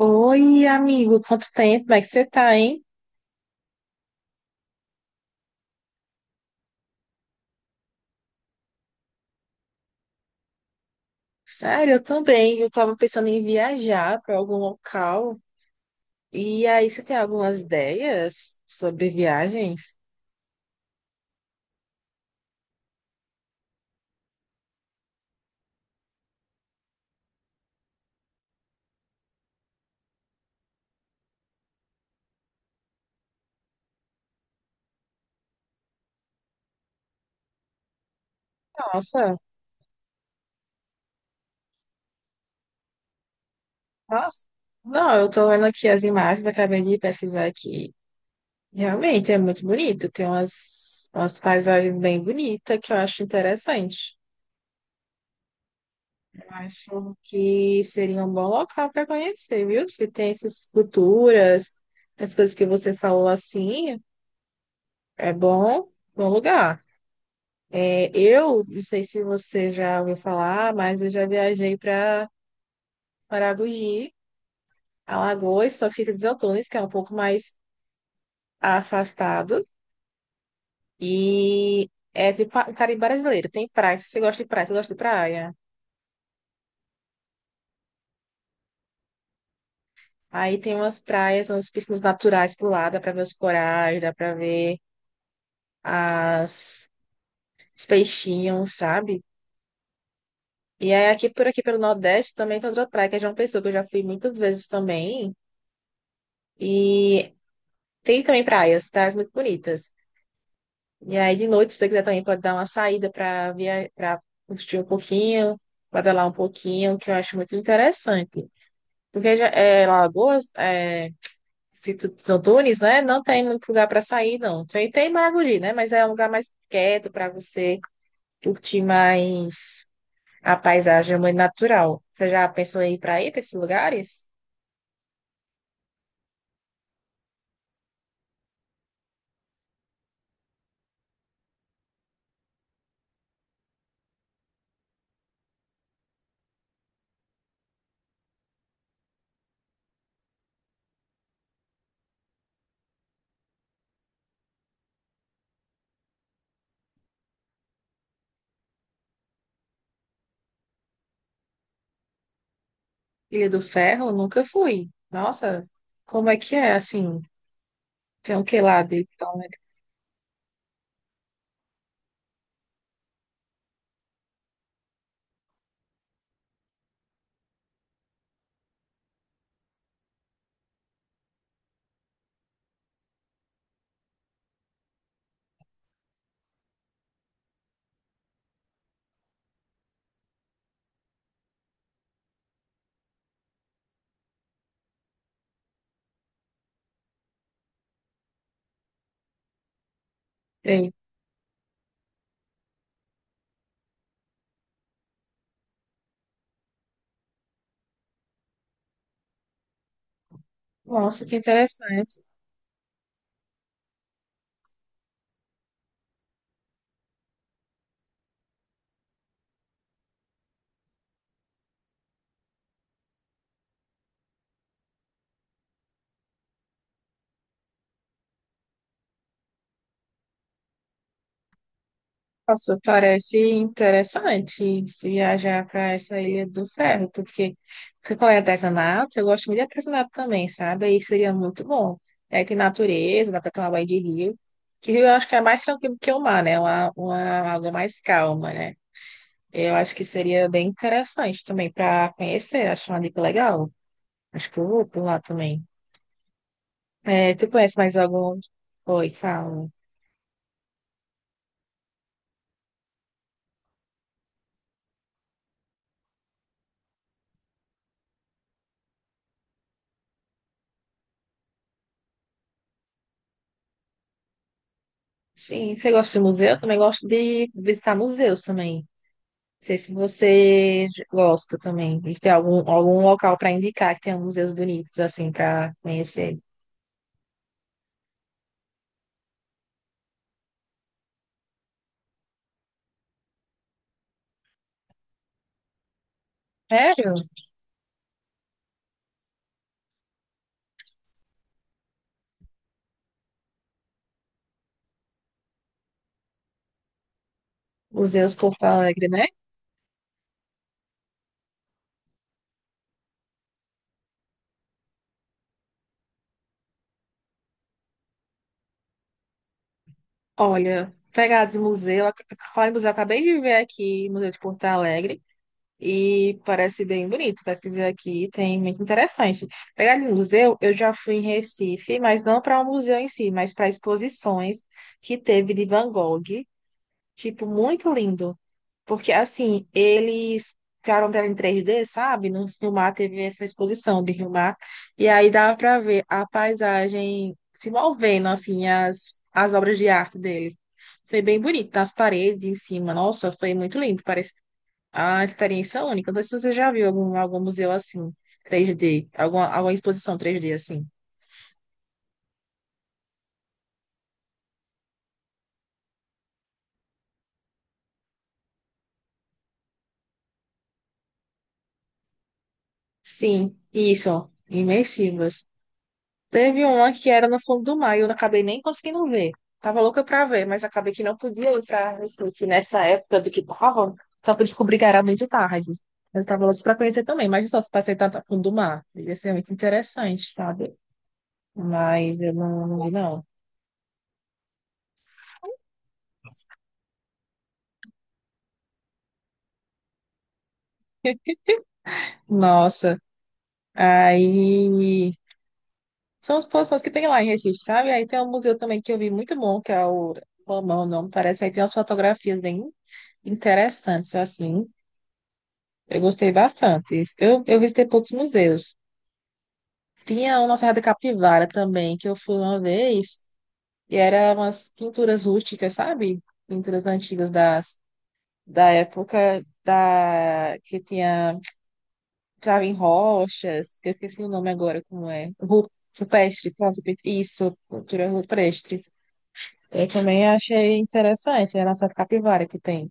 Oi, amigo, quanto tempo? Como é que você tá, hein? Sério, eu também. Eu tava pensando em viajar para algum local. E aí, você tem algumas ideias sobre viagens? Nossa, nossa. Não, eu tô vendo aqui as imagens, acabei de pesquisar aqui. Realmente é muito bonito. Tem umas paisagens bem bonitas que eu acho interessante. Acho que seria um bom local para conhecer, viu? Se tem essas culturas, as coisas que você falou assim. É bom lugar. É, eu não sei se você já ouviu falar, mas eu já viajei para Maragogi, Alagoas, só que fica em Desaltões, que é um pouco mais afastado. E é tipo o Caribe brasileiro. Tem praia. Se você gosta de praia, você gosta de praia. Aí tem umas praias, umas piscinas naturais por lá, dá para ver os corais, dá para ver as os peixinhos, sabe? E aí aqui por aqui pelo Nordeste também tem outra praia que é João Pessoa, que eu já fui muitas vezes também. E tem também praias muito bonitas. E aí, de noite, se você quiser também, pode dar uma saída para curtir um pouquinho, pedalar um pouquinho, que eu acho muito interessante. Porque é, Lagoas, é, se tu- São Tunes, né? Não tem muito lugar para sair, não. Tem Maragogi, né? Mas é um lugar mais quieto para você curtir mais a paisagem muito natural. Você já pensou em ir para aí, para esses lugares? Ilha do Ferro, nunca fui. Nossa, como é que é, assim? Tem o que lá de tão. Nossa, que interessante. Nossa, parece interessante se viajar para essa Ilha do Ferro, porque você falou em artesanato, eu gosto muito de artesanato também, sabe? Aí seria muito bom. Aí tem natureza, dá para tomar banho de rio. Que rio eu acho que é mais tranquilo que o mar, né? Uma água mais calma, né? Eu acho que seria bem interessante também para conhecer, acho uma dica legal. Acho que eu vou por lá também. É, tu conhece mais algum? Oi, fala. Sim, você gosta de museu? Eu também gosto de visitar museus também. Não sei se você gosta também. E se tem algum local para indicar que tem museus bonitos, assim, para conhecer. Sério? Museus Porto Alegre, né? Olha, pegado de museu, falar em museu, eu acabei de ver aqui o Museu de Porto Alegre e parece bem bonito. Pesquisei aqui, tem muito interessante. Pegado de museu, eu já fui em Recife, mas não para o museu em si, mas para exposições que teve de Van Gogh. Tipo, muito lindo. Porque, assim, eles ficaram pra em 3D, sabe? No Rio-Mar teve essa exposição de Rio-Mar. E aí dava pra ver a paisagem se movendo, assim, as obras de arte deles. Foi bem bonito, nas paredes, em cima. Nossa, foi muito lindo. Parece a experiência única. Não sei se você já viu algum museu assim, 3D, alguma exposição 3D assim. Sim, isso, imersivas. Teve uma que era no fundo do mar e eu não acabei nem conseguindo ver. Tava louca pra ver, mas acabei que não podia ir pra Recife nessa época do que tava. Só que eu descobri que era muito tarde. Mas eu tava louca pra conhecer também. Mas só se passei tanto a fundo do mar. Devia ser muito interessante, sabe? Mas eu não vi, não. Nossa. Aí. São as posições que tem lá em Recife, sabe? Aí tem um museu também que eu vi muito bom, que é o. Romão, não parece. Aí tem umas fotografias bem interessantes, assim. Eu gostei bastante. Eu visitei poucos museus. Tinha uma Serra da Capivara também, que eu fui uma vez, e era umas pinturas rústicas, sabe? Pinturas antigas das, da época da, que tinha, estava em rochas, que eu esqueci o nome agora, como é? Rupestre, pronto, isso, pintura rupestre. Eu também achei interessante, era a Serra da Capivara que tem.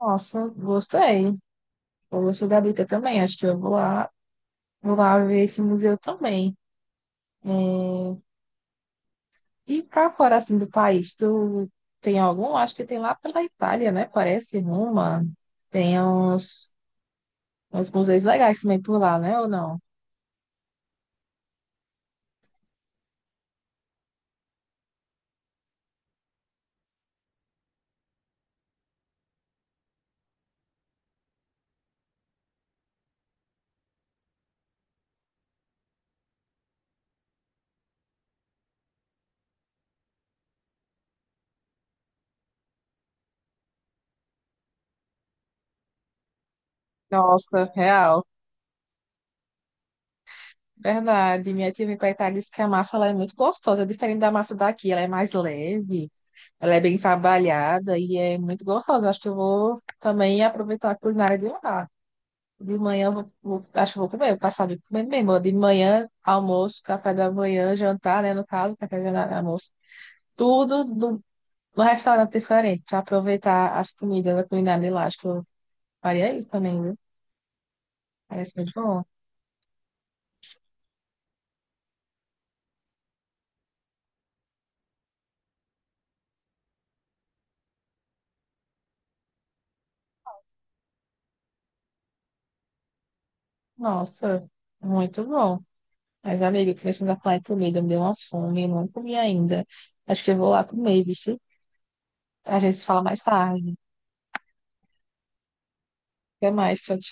Nossa, gostei. Eu gostei da dica também. Acho que eu vou lá ver esse museu também. E para fora assim do país, tu tem algum? Acho que tem lá pela Itália, né? Parece Roma. Tem uns museus legais também por lá, né? Ou não? Nossa, real. Verdade. Minha tia veio para Itália e disse que a massa ela é muito gostosa, é diferente da massa daqui, ela é mais leve, ela é bem trabalhada e é muito gostosa. Acho que eu vou também aproveitar a culinária de lá. De manhã, eu acho que eu vou comer, vou passar de comendo mesmo. De manhã, almoço, café da manhã, jantar, né? No caso, café da manhã, almoço. Tudo no restaurante diferente, para aproveitar as comidas da culinária de lá. Acho que eu faria isso também, viu? Parece muito bom. Nossa, muito bom. Mas, amigo, começando a falar em comida, me deu uma fome, eu não comi ainda. Acho que eu vou lá comer, viu? A gente se fala mais tarde. Até mais, tchau, tchau.